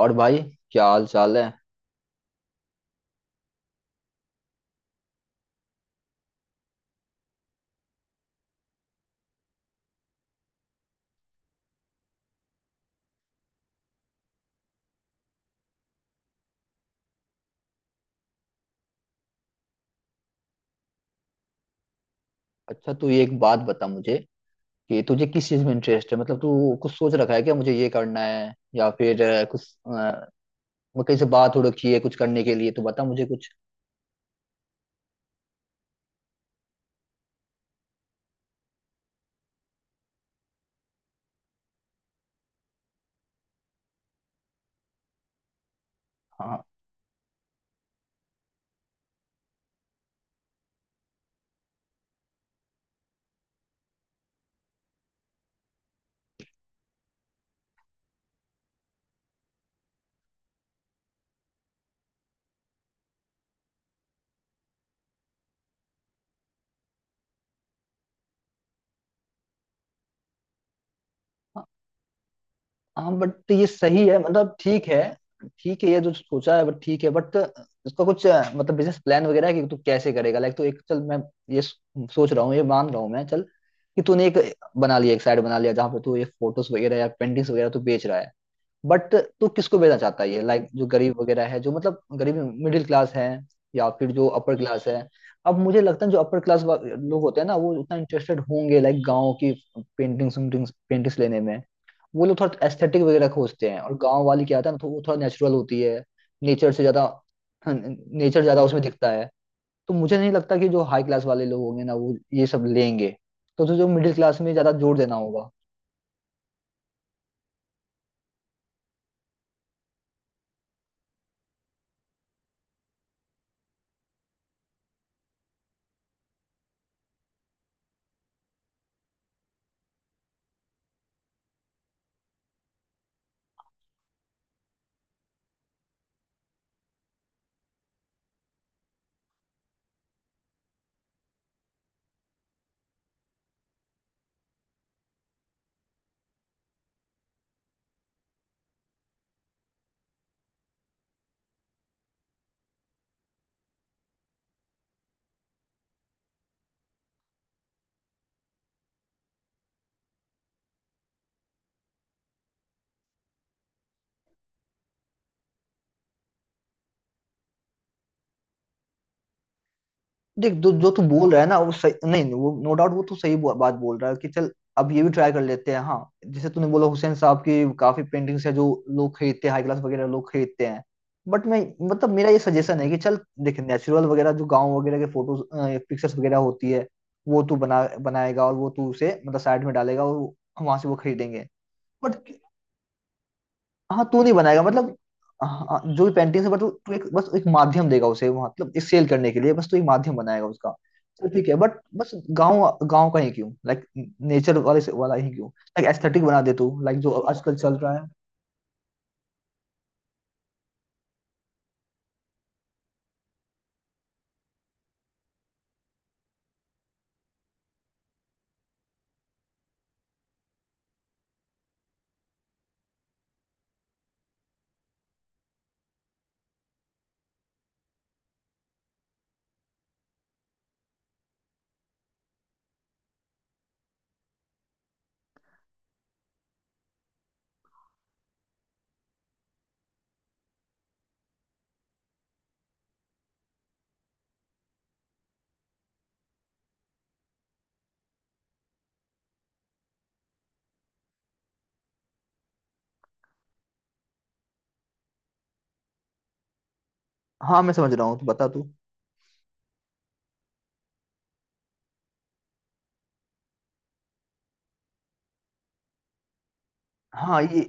और भाई, क्या हाल चाल है। अच्छा, तू ये एक बात बता मुझे कि तुझे किस चीज में इंटरेस्ट है, मतलब तू कुछ सोच रखा है क्या, मुझे ये करना है या फिर कुछ अ, मैं कहीं से बात हो रखी है कुछ करने के लिए तो बता मुझे कुछ। हाँ, हाँ, हाँ, बट ये सही है, मतलब ठीक है। ठीक है ये जो सोचा है, बट ठीक है। बट इसका कुछ मतलब बिजनेस प्लान वगैरह है कि तू कैसे करेगा, लाइक तो एक चल, मैं ये सोच रहा हूँ, ये मान रहा हूँ मैं, चल कि तूने एक बना लिया, एक साइड बना लिया जहाँ पे तू ये फोटोज वगैरह या पेंटिंग्स वगैरह तू बेच रहा है। बट तू किसको भेजना चाहता है ये, लाइक जो गरीब वगैरह है, जो मतलब गरीब, मिडिल क्लास है या फिर जो अपर क्लास है। अब मुझे लगता है जो अपर क्लास लोग होते हैं ना, वो उतना इंटरेस्टेड होंगे, लाइक गांव की पेंटिंग्स पेंटिंग्स पेंटिंग्स लेने में। वो लोग थोड़ा एस्थेटिक वगैरह खोजते हैं, और गांव वाली क्या होता है ना, तो वो थोड़ा नेचुरल होती है। नेचर से ज्यादा, नेचर ज्यादा उसमें दिखता है। तो मुझे नहीं लगता कि जो हाई क्लास वाले लोग होंगे ना, वो ये सब लेंगे। तो तुझे जो मिडिल क्लास में ज्यादा जोर देना होगा। देख, जो जो तू बोल रहा है ना, वो सही, नहीं नहीं, वो नो डाउट वो तू सही बात बोल रहा है कि चल। अब ये भी ट्राई कर लेते हैं, हाँ, जैसे तूने बोला, हुसैन साहब की काफी पेंटिंग्स है जो लोग खरीदते हैं, हाई क्लास वगैरह लोग खरीदते हैं। बट मैं, मतलब मेरा ये सजेशन है कि चल, देख नेचुरल वगैरह जो गांव वगैरह के फोटोज, पिक्चर्स वगैरह होती है, वो तू बनाएगा, और वो तू उसे मतलब साइड में डालेगा, और वहां से वो खरीदेंगे। बट हाँ, तू नहीं बनाएगा मतलब, हाँ, जो भी पेंटिंग है, बट तू तू एक बस एक माध्यम देगा उसे वहाँ, मतलब एक सेल करने के लिए बस तू एक माध्यम बनाएगा उसका। तो ठीक है बट बस, गांव गांव का ही क्यों, लाइक नेचर वाले से वाला ही क्यों, लाइक एस्थेटिक बना दे तू, लाइक जो आजकल चल रहा है। हाँ, मैं समझ रहा हूँ, तू बता तू। हाँ ये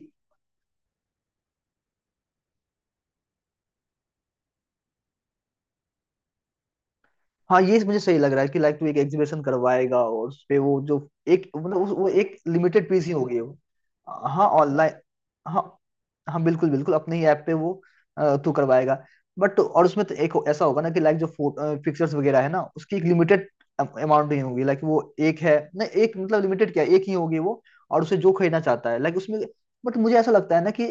हाँ, ये मुझे सही लग रहा है कि लाइक तू एक एग्जीबिशन करवाएगा, और उस पे वो जो एक, मतलब उस, वो एक लिमिटेड पीस ही होगी वो। हाँ, ऑनलाइन। हाँ, हाँ, बिल्कुल, बिल्कुल, अपने ही ऐप पे वो तू करवाएगा। बट और उसमें तो एक ऐसा होगा ना कि लाइक जो पिक्चर्स वगैरह है ना, उसकी एक लिमिटेड अमाउंट ही होगी, लाइक वो एक है ना, एक मतलब लिमिटेड क्या है, एक ही होगी वो। और उसे जो खरीदना चाहता है लाइक उसमें, बट मुझे ऐसा लगता है ना कि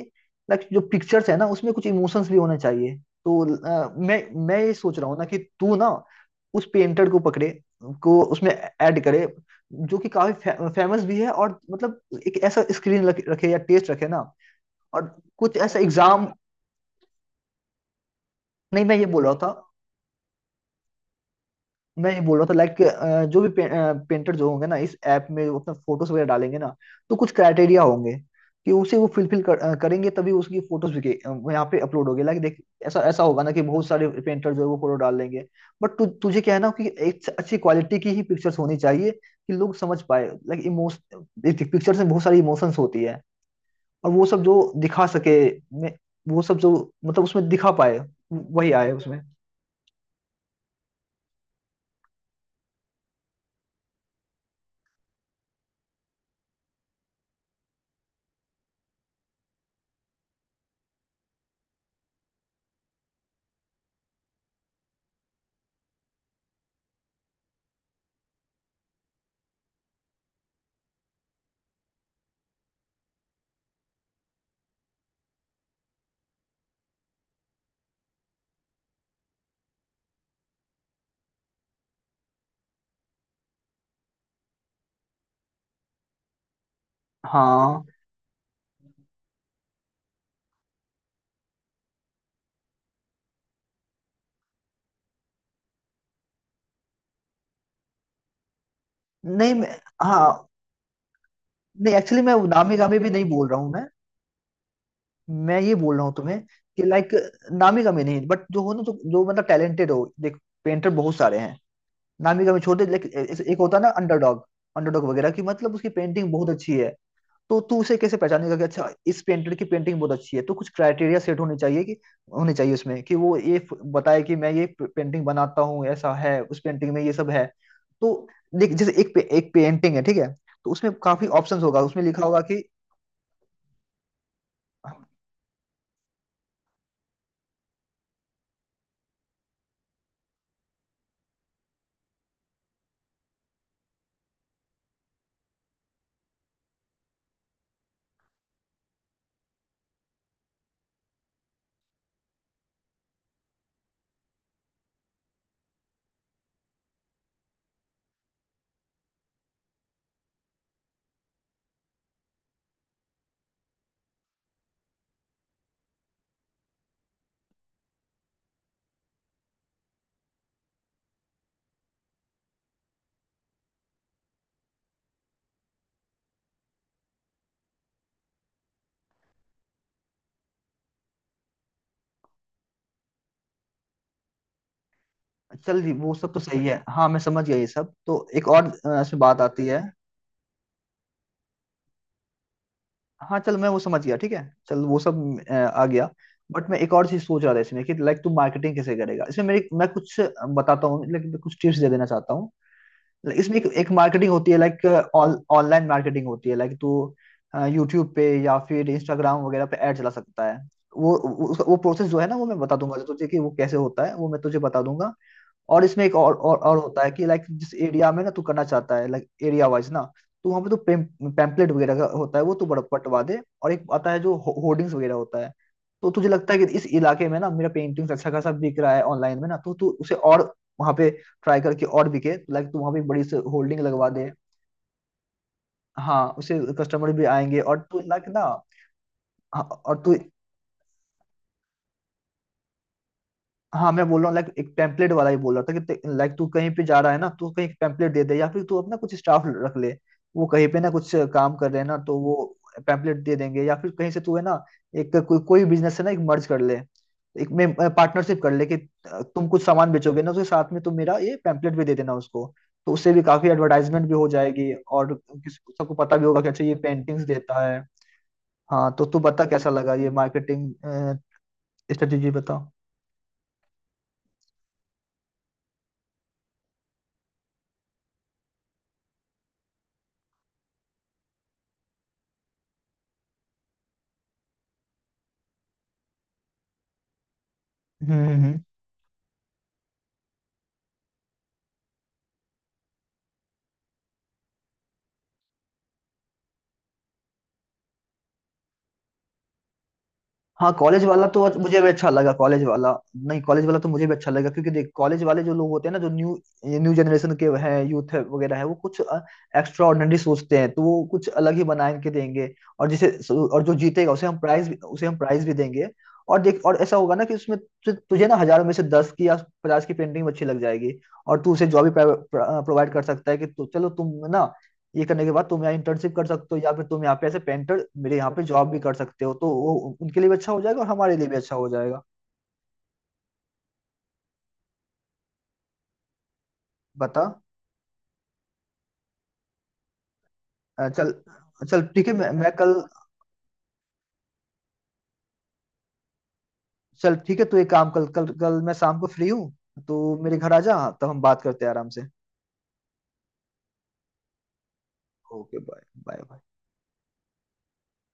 लाइक जो पिक्चर्स है ना, उसमें कुछ इमोशंस भी होने चाहिए। तो अ, मैं मैं ये सोच रहा हूँ ना कि तू ना उस पेंटर को पकड़े, को उसमें ऐड करे, जो कि काफी फेमस भी है, और मतलब एक ऐसा स्क्रीन रखे या टेस्ट रखे ना, और कुछ ऐसा एग्जाम। नहीं, मैं ये बोल रहा था मैं ये बोल रहा था लाइक जो भी पेंटर जो होंगे ना इस ऐप में, वो अपना फोटोज वगैरह डालेंगे ना, तो कुछ क्राइटेरिया होंगे कि उसे वो फिलफिल करेंगे, तभी उसकी फोटोज भी यहाँ पे अपलोड होगी, लाइक देख। ऐसा ऐसा होगा ना कि बहुत सारे पेंटर जो है, वो फोटो डाल लेंगे। बट तुझे क्या है ना कि एक अच्छी क्वालिटी की ही पिक्चर्स होनी चाहिए, कि लोग समझ पाए, लाइक इमोश पिक्चर्स में बहुत सारी इमोशंस होती है, और वो सब जो दिखा सके, मैं, वो सब जो मतलब उसमें दिखा पाए, वही आए उसमें। हाँ, नहीं मैं, हाँ, नहीं, एक्चुअली मैं नामी गामी भी नहीं बोल रहा हूँ। मैं ये बोल रहा हूँ तुम्हें कि लाइक, नामी गामी नहीं, बट जो हो ना, जो जो मतलब टैलेंटेड हो। देख पेंटर बहुत सारे हैं, नामी गामी छोड़ दे, लेकिन एक एक होता है ना, अंडरडॉग। अंडरडॉग वगैरह की, मतलब उसकी पेंटिंग बहुत अच्छी है। तो तू उसे कैसे पहचानेगा कि अच्छा, इस पेंटर की पेंटिंग बहुत अच्छी है। तो कुछ क्राइटेरिया सेट होने चाहिए, कि होने चाहिए उसमें, कि वो ये बताए कि मैं ये पेंटिंग बनाता हूँ, ऐसा है, उस पेंटिंग में ये सब है। तो देख, जैसे एक पेंटिंग है, ठीक है। तो उसमें काफी ऑप्शंस होगा, उसमें लिखा होगा कि। चल जी, वो सब तो सही है, हाँ, मैं समझ गया। ये सब तो एक और इसमें बात आती है। हाँ चल, मैं वो समझ गया, ठीक है। चल वो सब आ गया। बट मैं एक और चीज सोच रहा था इसमें, कि लाइक तू मार्केटिंग कैसे करेगा इसमें, मेरी, मैं कुछ बताता हूँ, लेकिन कुछ टिप्स दे देना चाहता हूँ। Like, इसमें एक मार्केटिंग होती है, लाइक ऑनलाइन मार्केटिंग होती है, लाइक तू यूट्यूब पे या फिर इंस्टाग्राम वगैरह पे ऐड चला सकता है। वो प्रोसेस जो है ना, वो मैं बता दूंगा तुझे कि वो कैसे होता है, वो मैं तुझे बता दूंगा। और इसमें एक और, और होता है, कि लाइक जिस एरिया में ना तू करना चाहता है, लाइक एरिया वाइज ना। तो वहाँ पे तो पैम्पलेट वगैरह का होता है, वो तू बड़ा पटवा दे। और एक आता है जो होर्डिंग्स वगैरह होता है। तो तुझे लगता है कि इस इलाके में ना मेरा पेंटिंग्स अच्छा खासा बिक रहा है ऑनलाइन में ना, तो तू उसे और वहाँ पे ट्राई करके और बिके, लाइक तू वहाँ पे एक बड़ी से होल्डिंग लगवा दे। हाँ, उसे कस्टमर भी आएंगे और तू लाइक ना। हाँ, और तू। हाँ, मैं बोल रहा हूँ लाइक एक टेम्पलेट वाला ही बोल रहा था कि, लाइक तू कहीं पे जा रहा है ना, तू कहीं टेम्पलेट दे दे, या फिर तू अपना कुछ स्टाफ रख ले। वो कहीं पे ना कुछ काम कर रहे हैं ना, तो वो टेम्पलेट दे देंगे। या फिर कहीं से तू है ना, एक कोई कोई बिजनेस है ना, एक मर्ज कर ले, एक में पार्टनरशिप कर ले कि, तुम कुछ सामान बेचोगे ना, उसके साथ में तुम मेरा ये पैम्पलेट भी दे देना उसको। तो उससे भी काफी एडवर्टाइजमेंट भी हो जाएगी, और सबको पता भी होगा कि अच्छा, ये पेंटिंग्स देता है। हाँ तो तू बता, कैसा लगा ये मार्केटिंग स्ट्रेटेजी, बता। हम्म, हम्म। हाँ, कॉलेज वाला तो आज मुझे भी अच्छा लगा, कॉलेज वाला। नहीं, कॉलेज वाला तो मुझे भी अच्छा लगा, क्योंकि देख कॉलेज वाले जो लोग होते हैं ना, जो न्यू न्यू जनरेशन के हैं, यूथ है वगैरह है, वो कुछ एक्स्ट्रा ऑर्डिनरी सोचते हैं, तो वो कुछ अलग ही बना के देंगे। और जिसे, और जो जीतेगा उसे हम प्राइज भी देंगे। और देख और ऐसा होगा ना कि उसमें तुझे ना हजारों में से 10 की या 50 की पेंटिंग अच्छी लग जाएगी। और तू उसे जॉब भी प्रोवाइड कर सकता है कि, तो चलो तुम ना, ये करने के बाद तुम यहाँ इंटर्नशिप कर सकते हो, या फिर तुम यहाँ पे ऐसे पेंटर मेरे यहाँ पे जॉब भी कर सकते हो, तो वो उनके लिए भी अच्छा हो जाएगा और हमारे लिए भी अच्छा हो जाएगा। बता। चल चल, ठीक है मैं कल, चल ठीक है तू एक काम, कल कल कल मैं शाम को फ्री हूँ। तो मेरे घर आ जा, हाँ, तब हम बात करते हैं आराम से। Okay, bye, bye, bye.